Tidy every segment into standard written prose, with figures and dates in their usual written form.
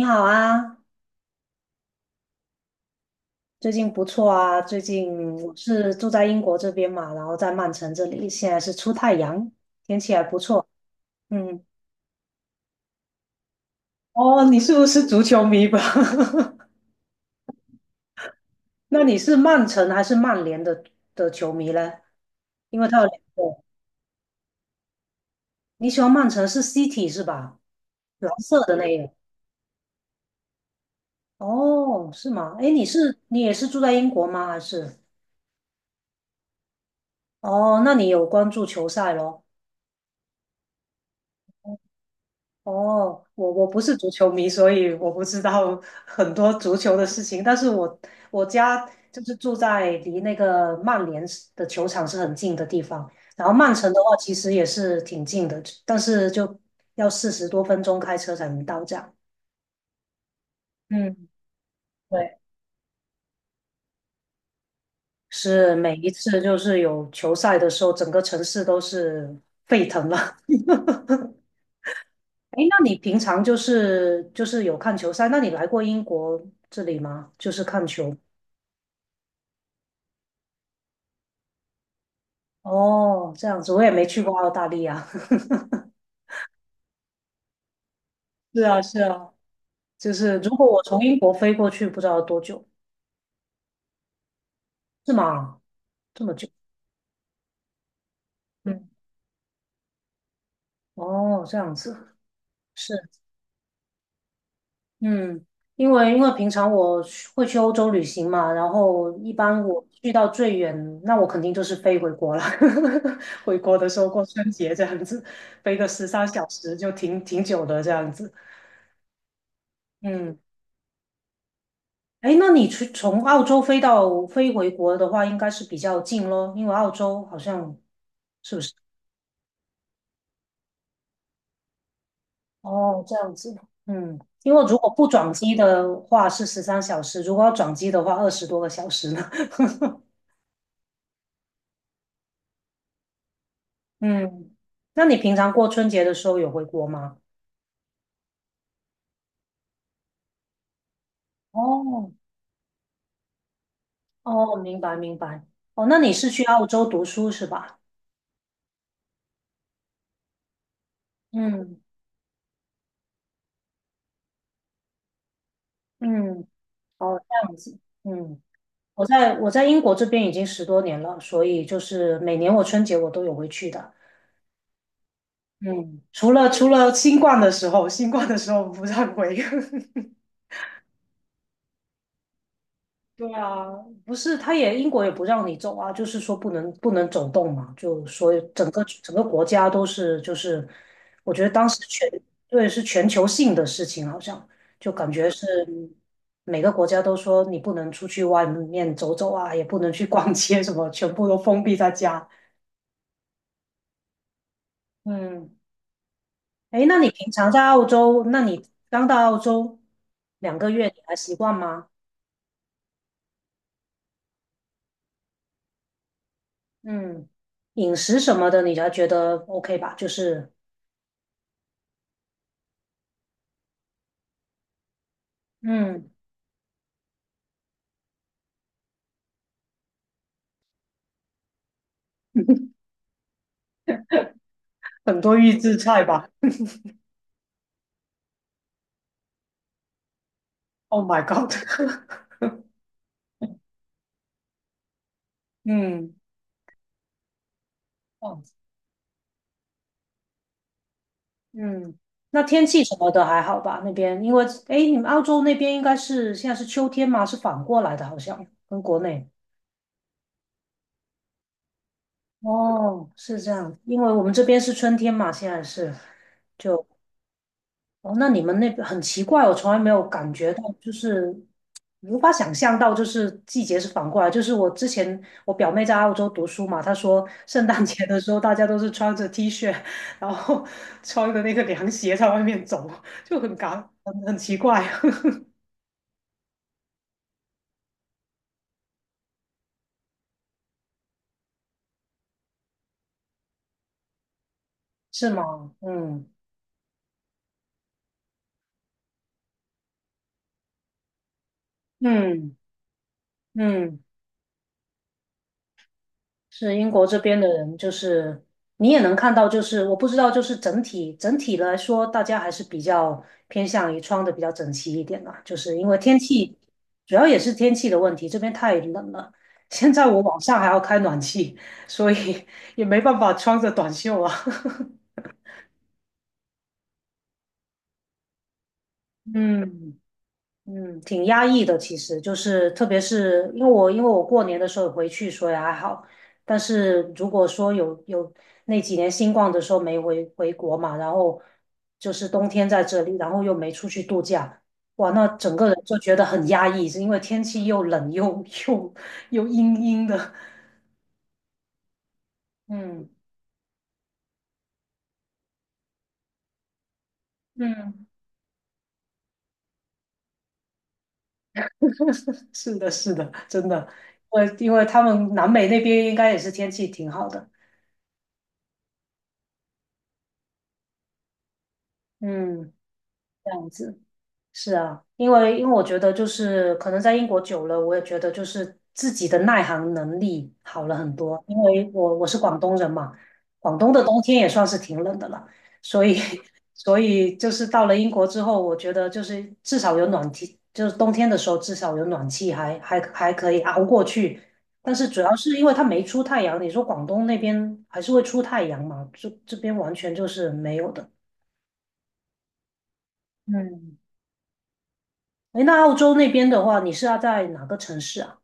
你好啊，最近不错啊。最近我是住在英国这边嘛，然后在曼城这里，现在是出太阳，天气还不错。嗯，哦，你是不是足球迷吧？那你是曼城还是曼联的球迷呢？因为他有两个，你喜欢曼城是 City 是吧？蓝色的那个。哦，是吗？哎，你也是住在英国吗？还是？哦，那你有关注球赛咯？哦，我不是足球迷，所以我不知道很多足球的事情。但是我家就是住在离那个曼联是的球场是很近的地方，然后曼城的话其实也是挺近的，但是就要40多分钟开车才能到站。嗯，对，是每一次就是有球赛的时候，整个城市都是沸腾了。哎，那你平常就是有看球赛？那你来过英国这里吗？哦，这样子，我也没去过澳大利亚。是啊，是啊，就是如果我从英国飞过去，不知道多久，是吗？这么久？嗯，哦，这样子，是，嗯，因为平常我去会去欧洲旅行嘛，然后一般我去到最远，那我肯定就是飞回国了。回国的时候过春节这样子，飞个十三小时就挺久的这样子。嗯。哎，那你去从澳洲飞回国的话，应该是比较近咯，因为澳洲好像，哦，这样子。嗯，因为如果不转机的话是十三小时，如果要转机的话20多个小时呢。嗯，那你平常过春节的时候有回国吗？哦哦，明白明白。哦，那你是去澳洲读书是吧？嗯嗯，哦，这样子。嗯。我在英国这边已经10多年了，所以就是每年我春节我都有回去的。嗯，除了新冠的时候，新冠的时候不让回。对啊，不是，他也英国也不让你走啊，就是说不能走动嘛，就所以整个国家都是就是，我觉得当时对是全球性的事情，好像就感觉是每个国家都说你不能出去外面走走啊，也不能去逛街什么，全部都封闭在家。嗯。哎，那你平常在澳洲，那你刚到澳洲2个月，你还习惯吗？嗯，饮食什么的，你还觉得 OK 吧？就是，嗯，很多预制菜吧。Oh my god！嗯，哦，嗯，那天气什么的还好吧？那边，因为，哎，诶你们澳洲那边应该是现在是秋天嘛，是反过来的，好像跟国内。哦，是这样，因为我们这边是春天嘛，现在是。就。哦，那你们那边很奇怪，我从来没有感觉到，就是无法想象到，就是季节是反过来。就是我之前我表妹在澳洲读书嘛，她说圣诞节的时候大家都是穿着 T 恤，然后 穿着那个凉鞋在外面走，就很感很很奇怪，是吗？嗯嗯嗯。是英国这边的人，就是你也能看到，就是我不知道，就是整体来说，大家还是比较偏向于穿的比较整齐一点啦，就是因为天气，主要也是天气的问题，这边太冷了。现在我晚上还要开暖气，所以也没办法穿着短袖啊。嗯，嗯，挺压抑的，其实就是特别是因为我过年的时候回去，所以还好。但是如果说有那几年新冠的时候没回国嘛，然后就是冬天在这里，然后又没出去度假，哇，那整个人就觉得很压抑，是因为天气又冷又 又又阴阴的。嗯嗯，是的，是的，真的，因为他们南美那边应该也是天气挺好的。嗯，这样子。是啊，因为我觉得就是可能在英国久了，我也觉得就是自己的耐寒能力好了很多。因为我是广东人嘛，广东的冬天也算是挺冷的了，所以 所以就是到了英国之后，我觉得就是至少有暖气，就是冬天的时候至少有暖气还可以熬过去。但是主要是因为它没出太阳，你说广东那边还是会出太阳嘛？这边完全就是没有的。嗯哎，那澳洲那边的话，你是要在哪个城市啊？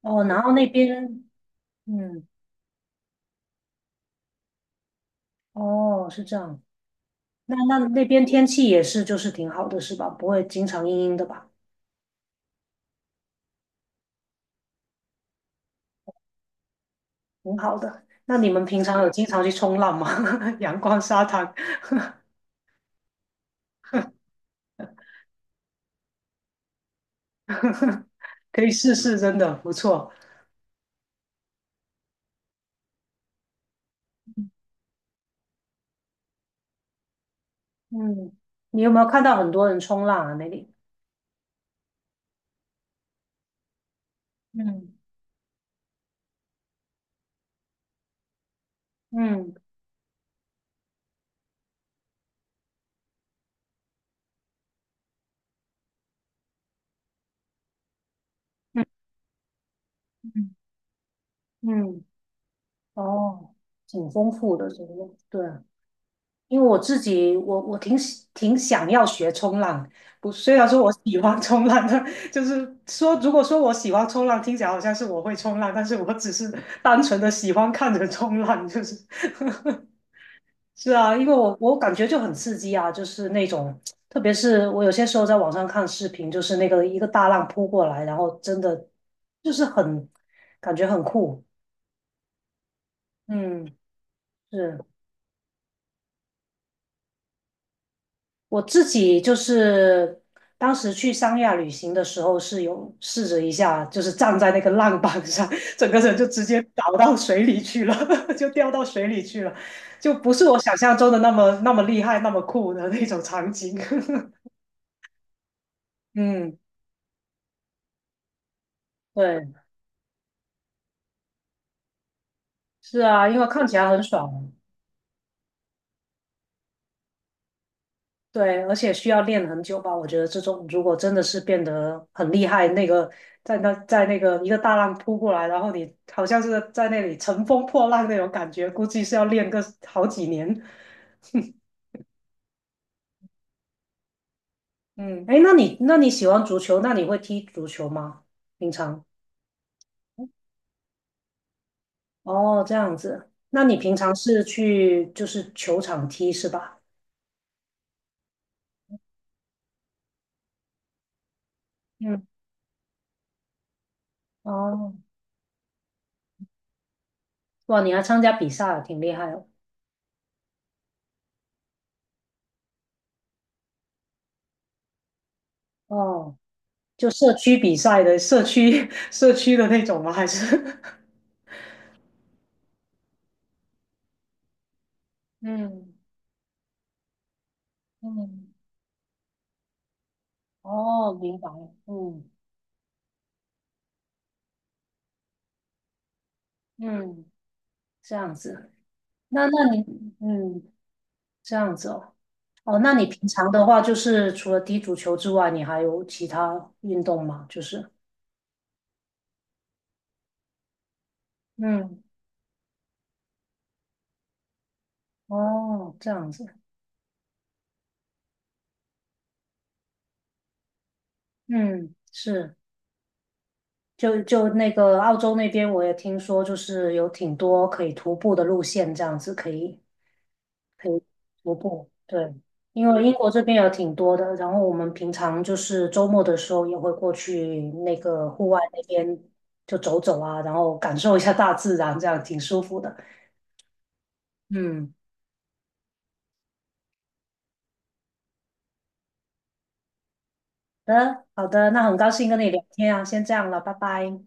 哦，然后那边，嗯，哦，是这样。那边天气也是，就是挺好的，是吧？不会经常阴阴的吧？挺好的。那你们平常有经常去冲浪吗？阳光沙滩，可以试试，真的不错。嗯，你有没有看到很多人冲浪啊？那里？嗯嗯嗯嗯，嗯哦，挺丰富的，这个对。因为我自己，我挺想要学冲浪，不，虽然说我喜欢冲浪，但就是说，如果说我喜欢冲浪，听起来好像是我会冲浪，但是我只是单纯的喜欢看着冲浪，就是是啊，因为我感觉就很刺激啊，就是那种，特别是我有些时候在网上看视频，就是那个一个大浪扑过来，然后真的就是感觉很酷，嗯，是。我自己就是当时去三亚旅行的时候，是有试着一下，就是站在那个浪板上，整个人就直接倒到水里去了，就掉到水里去了，就不是我想象中的那么那么厉害、那么酷的那种场景。嗯，对，是啊，因为看起来很爽。对，而且需要练很久吧？我觉得这种如果真的是变得很厉害，那个在那个一个大浪扑过来，然后你好像是在那里乘风破浪那种感觉，估计是要练个好几年。嗯，哎，那你喜欢足球，那你会踢足球吗？平常？哦，这样子，那你平常是去就是球场踢是吧？嗯，哦，哇，你还参加比赛，挺厉害哦。哦，就社区比赛的社区 社区的那种吗？还是 嗯嗯，哦，明白了，嗯嗯，这样子？那你嗯这样子哦哦，那你平常的话，就是除了踢足球之外，你还有其他运动吗？就是嗯，哦，这样子，嗯是，就那个澳洲那边，我也听说，就是有挺多可以徒步的路线，这样子可以徒步，对，因为英国这边有挺多的，然后我们平常就是周末的时候也会过去那个户外那边就走走啊，然后感受一下大自然，这样挺舒服的。嗯，好的，好的，那很高兴跟你聊天啊，先这样了，拜拜。